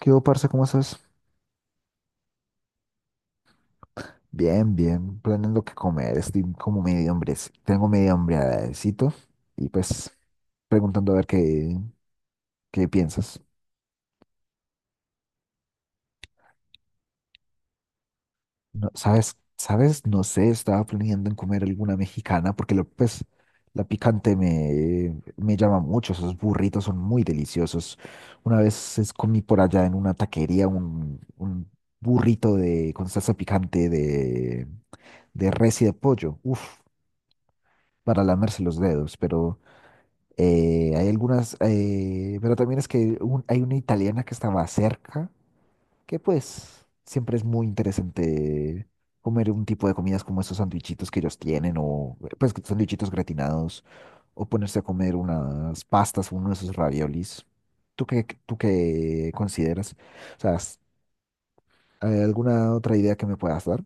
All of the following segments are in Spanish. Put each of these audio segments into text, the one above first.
¿Qué hubo, parce? ¿Cómo estás? Bien, bien, planeando qué comer. Estoy como medio hambre. Tengo medio hambrecito y pues preguntando a ver qué piensas. No, ¿sabes? ¿Sabes? No sé, estaba planeando en comer alguna mexicana porque lo, pues la picante me llama mucho. Esos burritos son muy deliciosos. Una vez comí por allá en una taquería un burrito con salsa picante de res y de pollo. Uf, para lamerse los dedos, pero... hay algunas, pero también es que hay una italiana que estaba cerca, que pues siempre es muy interesante comer un tipo de comidas como esos sandwichitos que ellos tienen, o pues sandwichitos gratinados, o ponerse a comer unas pastas, uno de esos raviolis. ¿Tú qué consideras? O sea, ¿hay alguna otra idea que me puedas dar?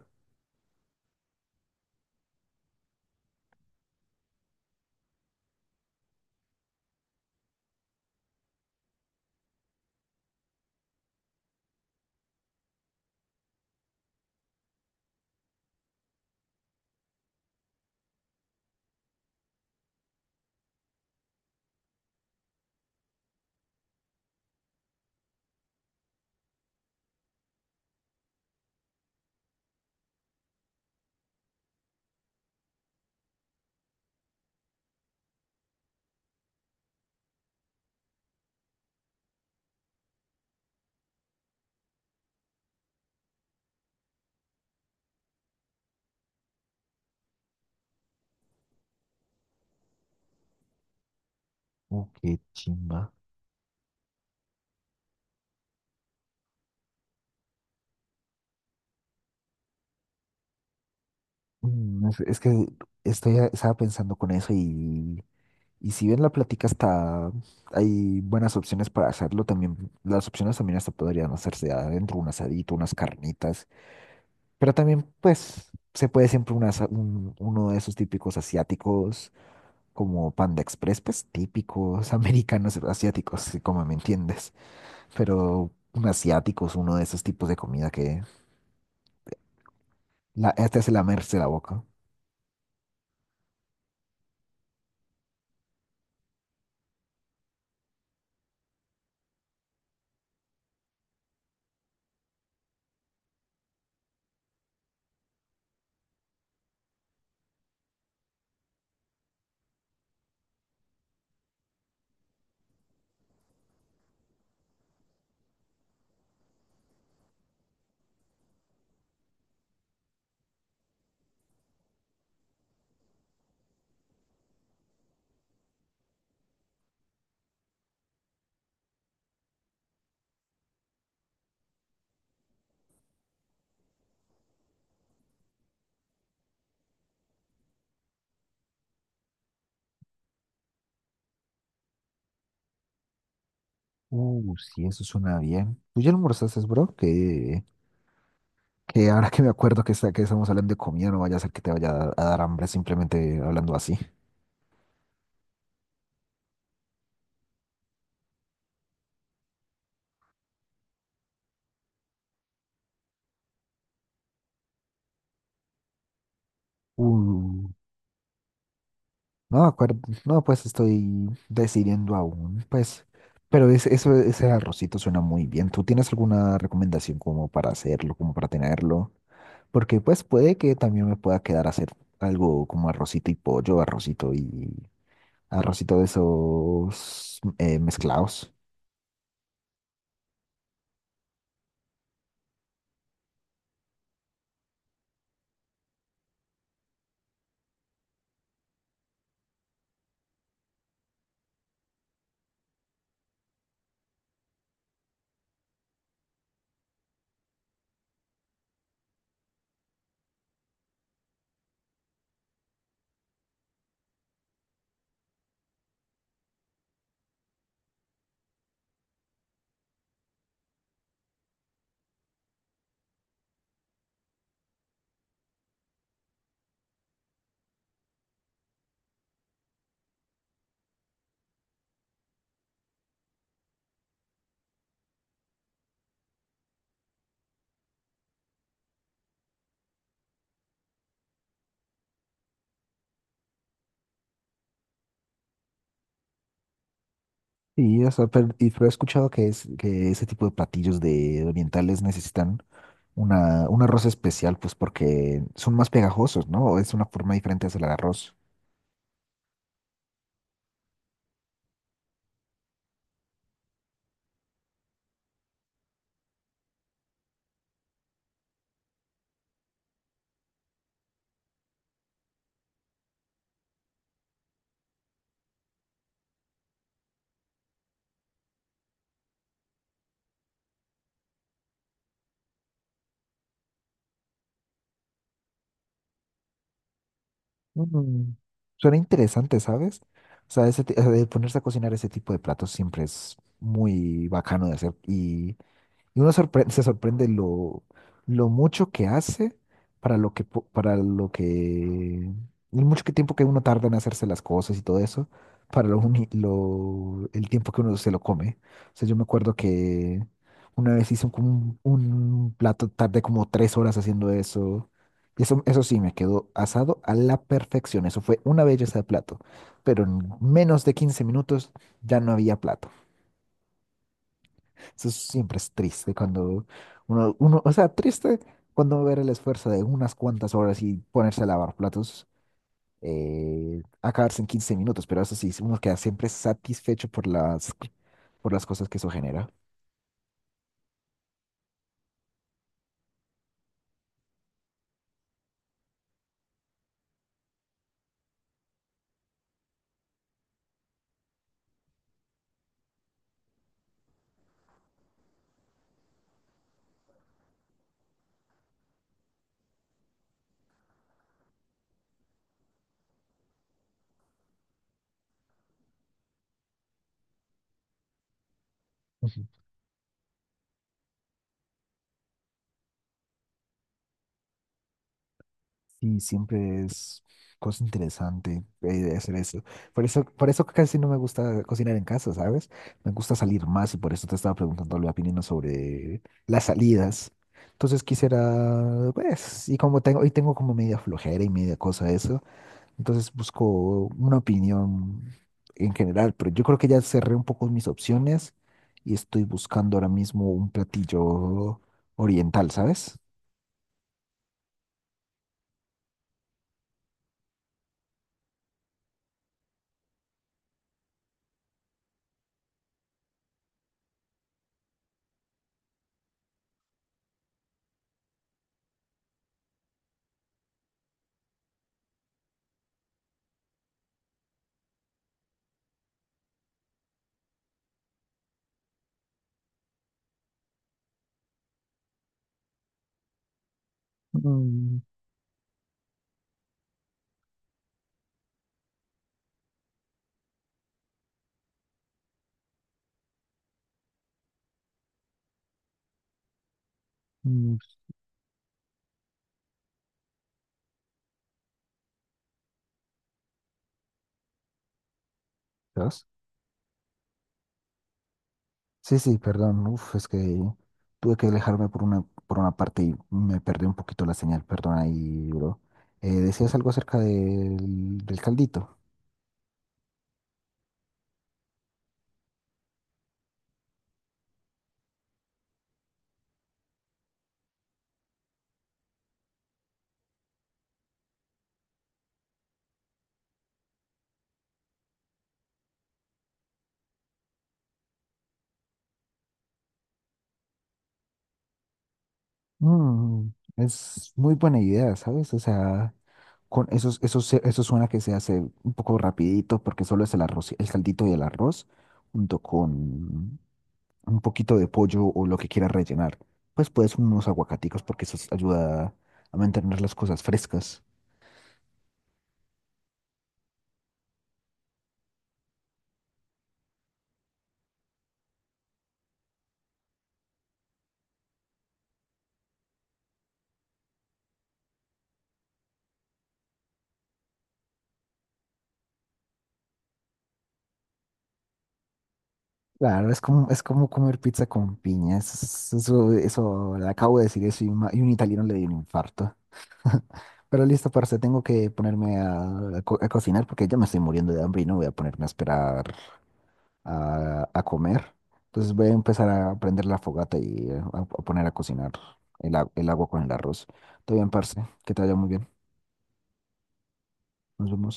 Qué chimba. Es que estaba pensando con eso. Y si bien la plática está, hay buenas opciones para hacerlo, también las opciones también hasta podrían hacerse adentro, un asadito, unas carnitas, pero también pues se puede siempre uno de esos típicos asiáticos como Panda Express, pues típicos americanos asiáticos, sí, como me entiendes, pero un asiático es uno de esos tipos de comida que la, este hace lamerse la boca. Sí, eso suena bien. ¿Tú ya almorzaste, bro? Que ahora que me acuerdo que, está, que estamos hablando de comida, no vaya a ser que te vaya a dar hambre simplemente hablando así. Uh, No, acuerdo, no, pues estoy decidiendo aún, pues. Pero eso, ese arrocito suena muy bien. ¿Tú tienes alguna recomendación como para hacerlo, como para tenerlo? Porque pues puede que también me pueda quedar a hacer algo como arrocito y pollo, arrocito y arrocito de esos mezclados. Y, o sea pero, y pero he escuchado que, que ese tipo de platillos de orientales necesitan. Un arroz especial, pues porque son más pegajosos, ¿no? Es una forma diferente de hacer el arroz. Mm, suena interesante, ¿sabes? O sea, ponerse a cocinar ese tipo de platos siempre es muy bacano de hacer. Y uno se sorprende lo mucho que hace para lo que, para lo que, el mucho que tiempo que uno tarda en hacerse las cosas y todo eso, para el tiempo que uno se lo come. O sea, yo me acuerdo que una vez hice un, como un plato, tardé como 3 horas haciendo eso. Y eso, eso sí, me quedó asado a la perfección. Eso fue una belleza de plato. Pero en menos de 15 minutos ya no había plato. Eso siempre es triste cuando uno, o sea, triste cuando ver el esfuerzo de unas cuantas horas y ponerse a lavar platos, acabarse en 15 minutos, pero eso sí, uno queda siempre satisfecho por las cosas que eso genera. Sí, siempre es cosa interesante hacer eso. Por eso, por eso casi no me gusta cocinar en casa, ¿sabes? Me gusta salir más y por eso te estaba preguntando la opinión sobre las salidas. Entonces quisiera, pues, y como tengo, y tengo como media flojera y media cosa eso, entonces busco una opinión en general, pero yo creo que ya cerré un poco mis opciones y estoy buscando ahora mismo un platillo oriental, ¿sabes? Mm, mm, ¿sabes? Sí, sí, perdón. Uf, es que tuve que alejarme por una parte y me perdí un poquito la señal. Perdón ahí, bro. Decías algo acerca del, del caldito. Mm, es muy buena idea, ¿sabes? O sea, con eso, eso suena que se hace un poco rapidito porque solo es el arroz, el caldito y el arroz junto con un poquito de pollo o lo que quieras rellenar. Pues puedes unos aguacaticos porque eso ayuda a mantener las cosas frescas. Claro, es como comer pizza con piñas. Eso, le acabo de decir eso y, y un italiano le dio un infarto. Pero listo, parce, tengo que ponerme a cocinar porque ya me estoy muriendo de hambre y no voy a ponerme a esperar a comer. Entonces voy a empezar a prender la fogata y a poner a cocinar el agua con el arroz. Todo bien, parce, que te vaya muy bien. Nos vemos.